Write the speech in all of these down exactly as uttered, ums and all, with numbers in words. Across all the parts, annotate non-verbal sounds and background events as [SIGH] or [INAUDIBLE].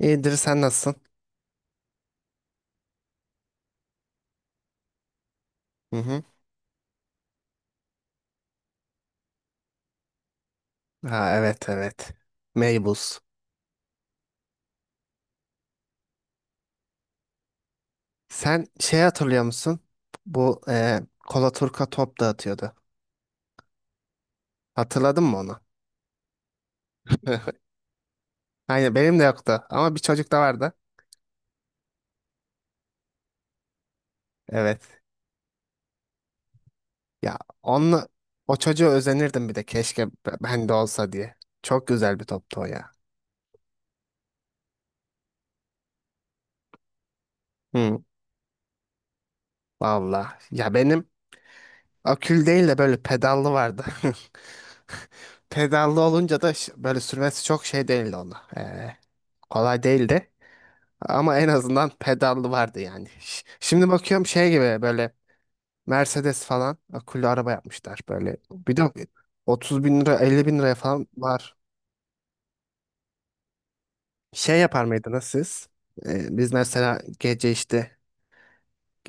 İyidir, sen nasılsın? Hı hı. Ha, evet, evet. Meybuz. Sen şey hatırlıyor musun? Bu e, Kola Turka top dağıtıyordu. Hatırladın mı onu? [LAUGHS] Aynen, benim de yoktu ama bir çocuk da vardı. Evet. Ya onunla o çocuğa özenirdim, bir de keşke b- ben de olsa diye. Çok güzel bir toptu o ya. Hı. Valla. Ya benim akül değil de böyle pedallı vardı. [LAUGHS] Pedallı olunca da ş- böyle sürmesi çok şey değildi ona. Ee, kolay değildi. Ama en azından pedallı vardı yani. Ş- Şimdi bakıyorum şey gibi böyle Mercedes falan akıllı araba yapmışlar böyle. Bir de otuz bin lira, elli bin liraya falan var. Şey yapar mıydınız siz? Ee, biz mesela gece işte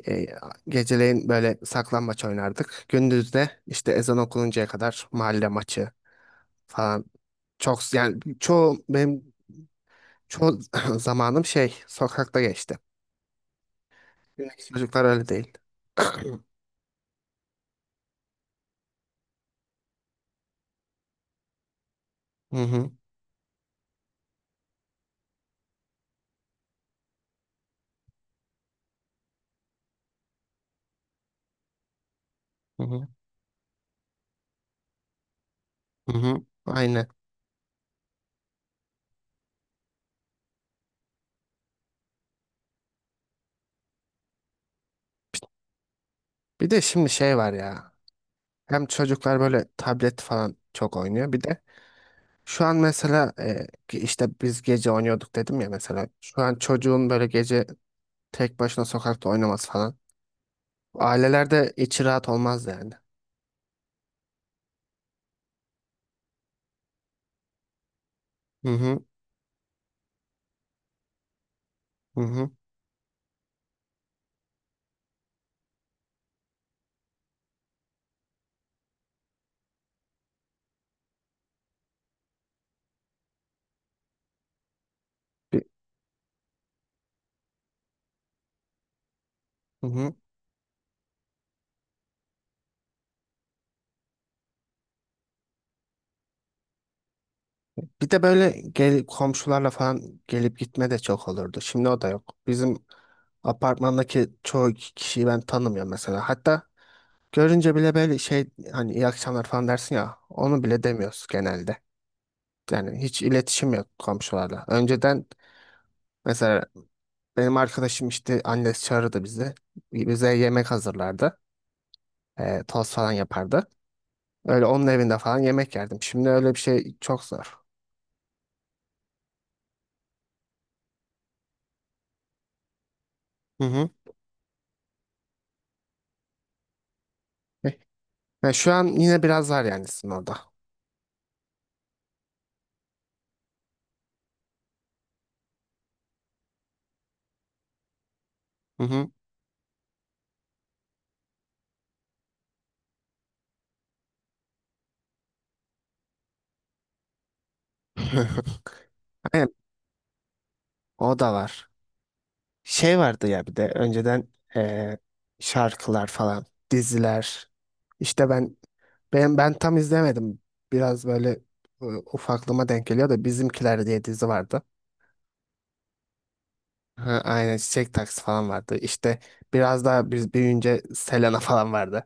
e, geceleyin böyle saklambaç oynardık. Gündüz de işte ezan okununcaya kadar mahalle maçı falan. Çok yani çoğu benim çoğu [LAUGHS] zamanım şey sokakta geçti. Şimdiki çocuklar öyle değil. Hı hı. Hı hı. Hı hı. Aynen. Bir de şimdi şey var ya. Hem çocuklar böyle tablet falan çok oynuyor. Bir de şu an mesela e, ki işte biz gece oynuyorduk dedim ya mesela. Şu an çocuğun böyle gece tek başına sokakta oynaması falan. Ailelerde içi rahat olmaz yani. Hı hı, hı hı. Bir, hı hı. Bir de böyle gel, komşularla falan gelip gitme de çok olurdu. Şimdi o da yok. Bizim apartmandaki çoğu kişiyi ben tanımıyorum mesela. Hatta görünce bile böyle şey hani iyi akşamlar falan dersin ya. Onu bile demiyoruz genelde. Yani hiç iletişim yok komşularla. Önceden mesela benim arkadaşım işte annesi çağırırdı bizi. Bize yemek hazırlardı. Ee, tost falan yapardı. Öyle onun evinde falan yemek yerdim. Şimdi öyle bir şey çok zor. Hı hı. Eh, yani şu an yine biraz var yani sizin orada. Hı hı. [LAUGHS] Aynen, o da var. Şey vardı ya, bir de önceden ee, şarkılar falan, diziler. İşte ben ben ben tam izlemedim. Biraz böyle e, ufaklığıma denk geliyor da Bizimkiler diye dizi vardı. Ha, aynen, çiçek taksi falan vardı. İşte biraz daha biz büyüyünce Selena [LAUGHS] falan vardı.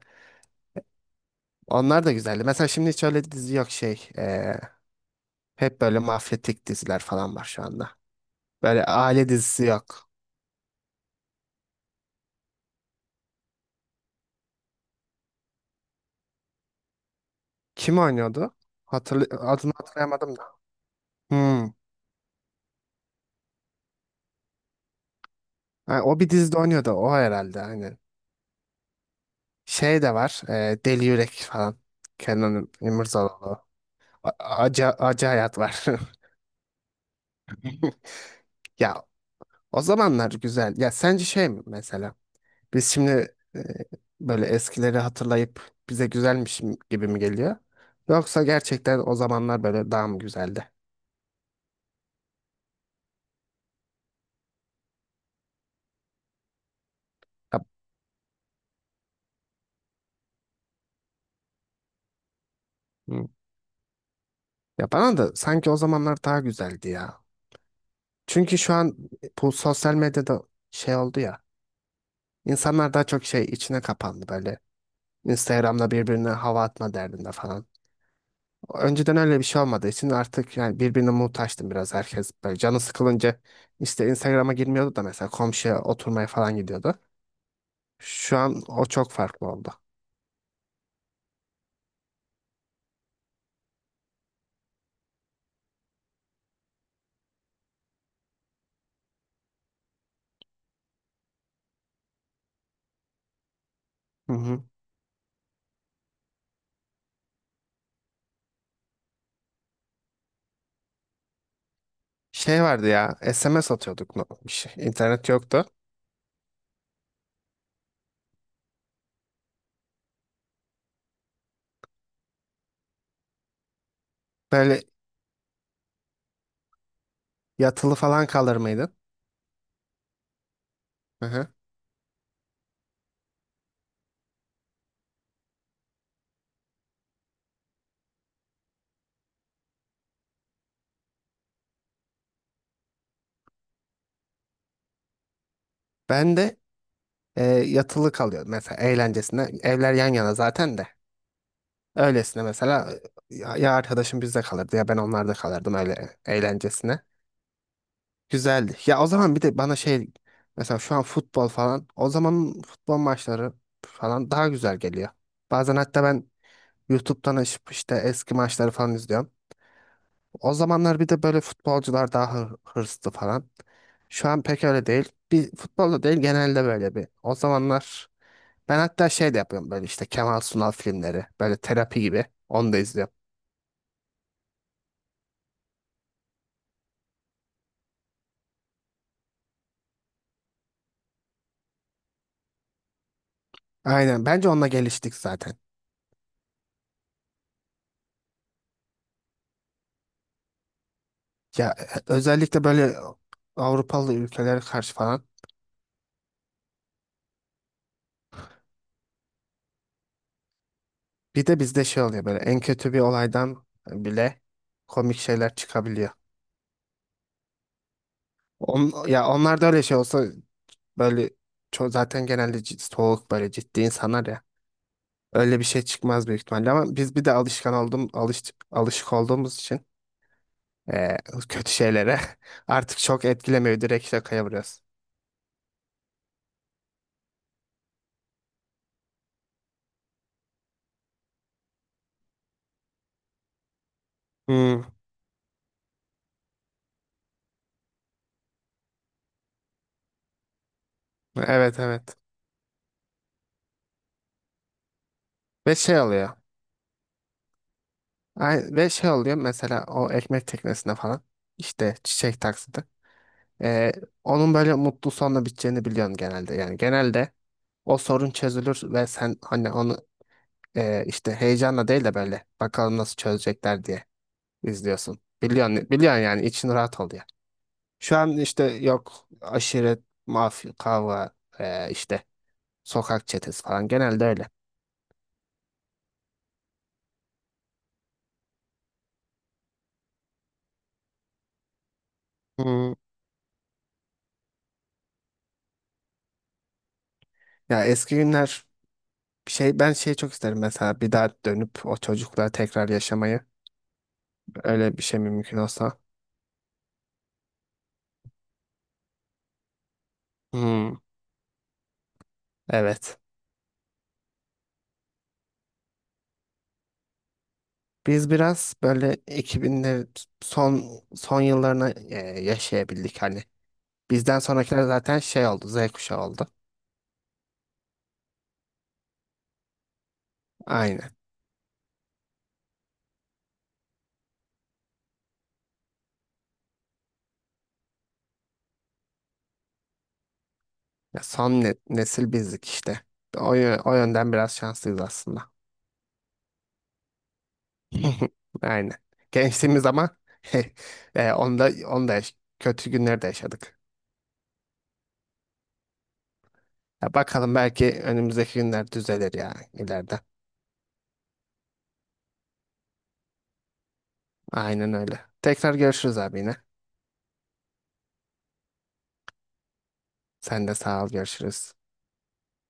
Onlar da güzeldi. Mesela şimdi hiç öyle dizi yok şey. Eee, hep böyle mafyatik diziler falan var şu anda. Böyle aile dizisi yok. Kim oynuyordu? Hatırlı adını hatırlayamadım da. Hmm. Ha, o bir dizide oynuyordu. O herhalde, aynen. Şey de var. eee, Deli Yürek falan. Kenan İmirzalıoğlu. A- Acı, acı hayat var. [LAUGHS] Ya o zamanlar güzel. Ya sence şey mi mesela? Biz şimdi e, böyle eskileri hatırlayıp bize güzelmiş gibi mi geliyor? Yoksa gerçekten o zamanlar böyle daha mı güzeldi? Ya, ya bana da sanki o zamanlar daha güzeldi ya. Çünkü şu an e, bu sosyal medyada şey oldu ya. İnsanlar daha çok şey içine kapandı böyle. Instagram'da birbirine hava atma derdinde falan. Önceden öyle bir şey olmadığı için artık yani birbirine muhtaçtım biraz herkes. Böyle canı sıkılınca işte Instagram'a girmiyordu da mesela komşuya oturmaya falan gidiyordu. Şu an o çok farklı oldu. Hı hı. Şey vardı ya, S M S atıyorduk, no- bir şey. İnternet yoktu. Böyle yatılı falan kalır mıydın? Hı hı. Ben de e, yatılı kalıyordum mesela eğlencesine. Evler yan yana zaten de. Öylesine mesela e, ya, ya arkadaşım bizde kalırdı ya ben onlarda kalırdım, öyle eğlencesine. Güzeldi. Ya, o zaman bir de bana şey, mesela şu an futbol falan, o zaman futbol maçları falan daha güzel geliyor. Bazen hatta ben YouTube'dan açıp işte eski maçları falan izliyorum. O zamanlar bir de böyle futbolcular daha hır- hırslı falan. Şu an pek öyle değil. Bir futbolda değil genelde böyle bir. O zamanlar ben hatta şey de yapıyorum böyle, işte Kemal Sunal filmleri böyle terapi gibi onu da izliyorum. Aynen, bence onunla geliştik zaten. Ya e, özellikle böyle Avrupalı ülkelere karşı falan. Bir de bizde şey oluyor, böyle en kötü bir olaydan bile komik şeyler çıkabiliyor. On, ya onlar da öyle şey olsa, böyle ço- zaten genelde cid- soğuk böyle ciddi insanlar ya. Öyle bir şey çıkmaz büyük ihtimalle ama biz bir de alışkan oldum alış, alışık olduğumuz için eee, kötü şeylere [LAUGHS] artık çok etkilemiyor, direkt şakaya vuruyoruz. Hmm, evet, evet. Ve şey oluyor. Ay- ve şey oluyor mesela o ekmek teknesinde falan işte çiçek taksidi. Eee, Onun böyle mutlu sonla biteceğini biliyorsun genelde. Yani genelde o sorun çözülür ve sen hani onu eee, işte heyecanla değil de böyle bakalım nasıl çözecekler diye izliyorsun. Biliyorsun, biliyorsun yani için rahat oluyor. Şu an işte yok aşiret, mafya, kavga, e, işte sokak çetesi falan genelde öyle. Hmm. Ya eski günler, şey ben şey çok isterim mesela, bir daha dönüp o çocukluğa tekrar yaşamayı. Öyle bir şey mi mümkün olsa. Hmm. Evet. Biz biraz böyle iki binlerin son son yıllarını e, yaşayabildik hani. Bizden sonrakiler zaten şey oldu, Z kuşağı oldu. Aynen. Ya son ne- nesil bizdik işte. O, yö- o yönden biraz şanslıyız aslında. [LAUGHS] Aynen. Gençliğimiz ama [LAUGHS] e, onda onda yaş- kötü günler de yaşadık. Ya bakalım, belki önümüzdeki günler düzelir ya ileride. Aynen öyle. Tekrar görüşürüz abi yine. Sen de sağ ol, görüşürüz.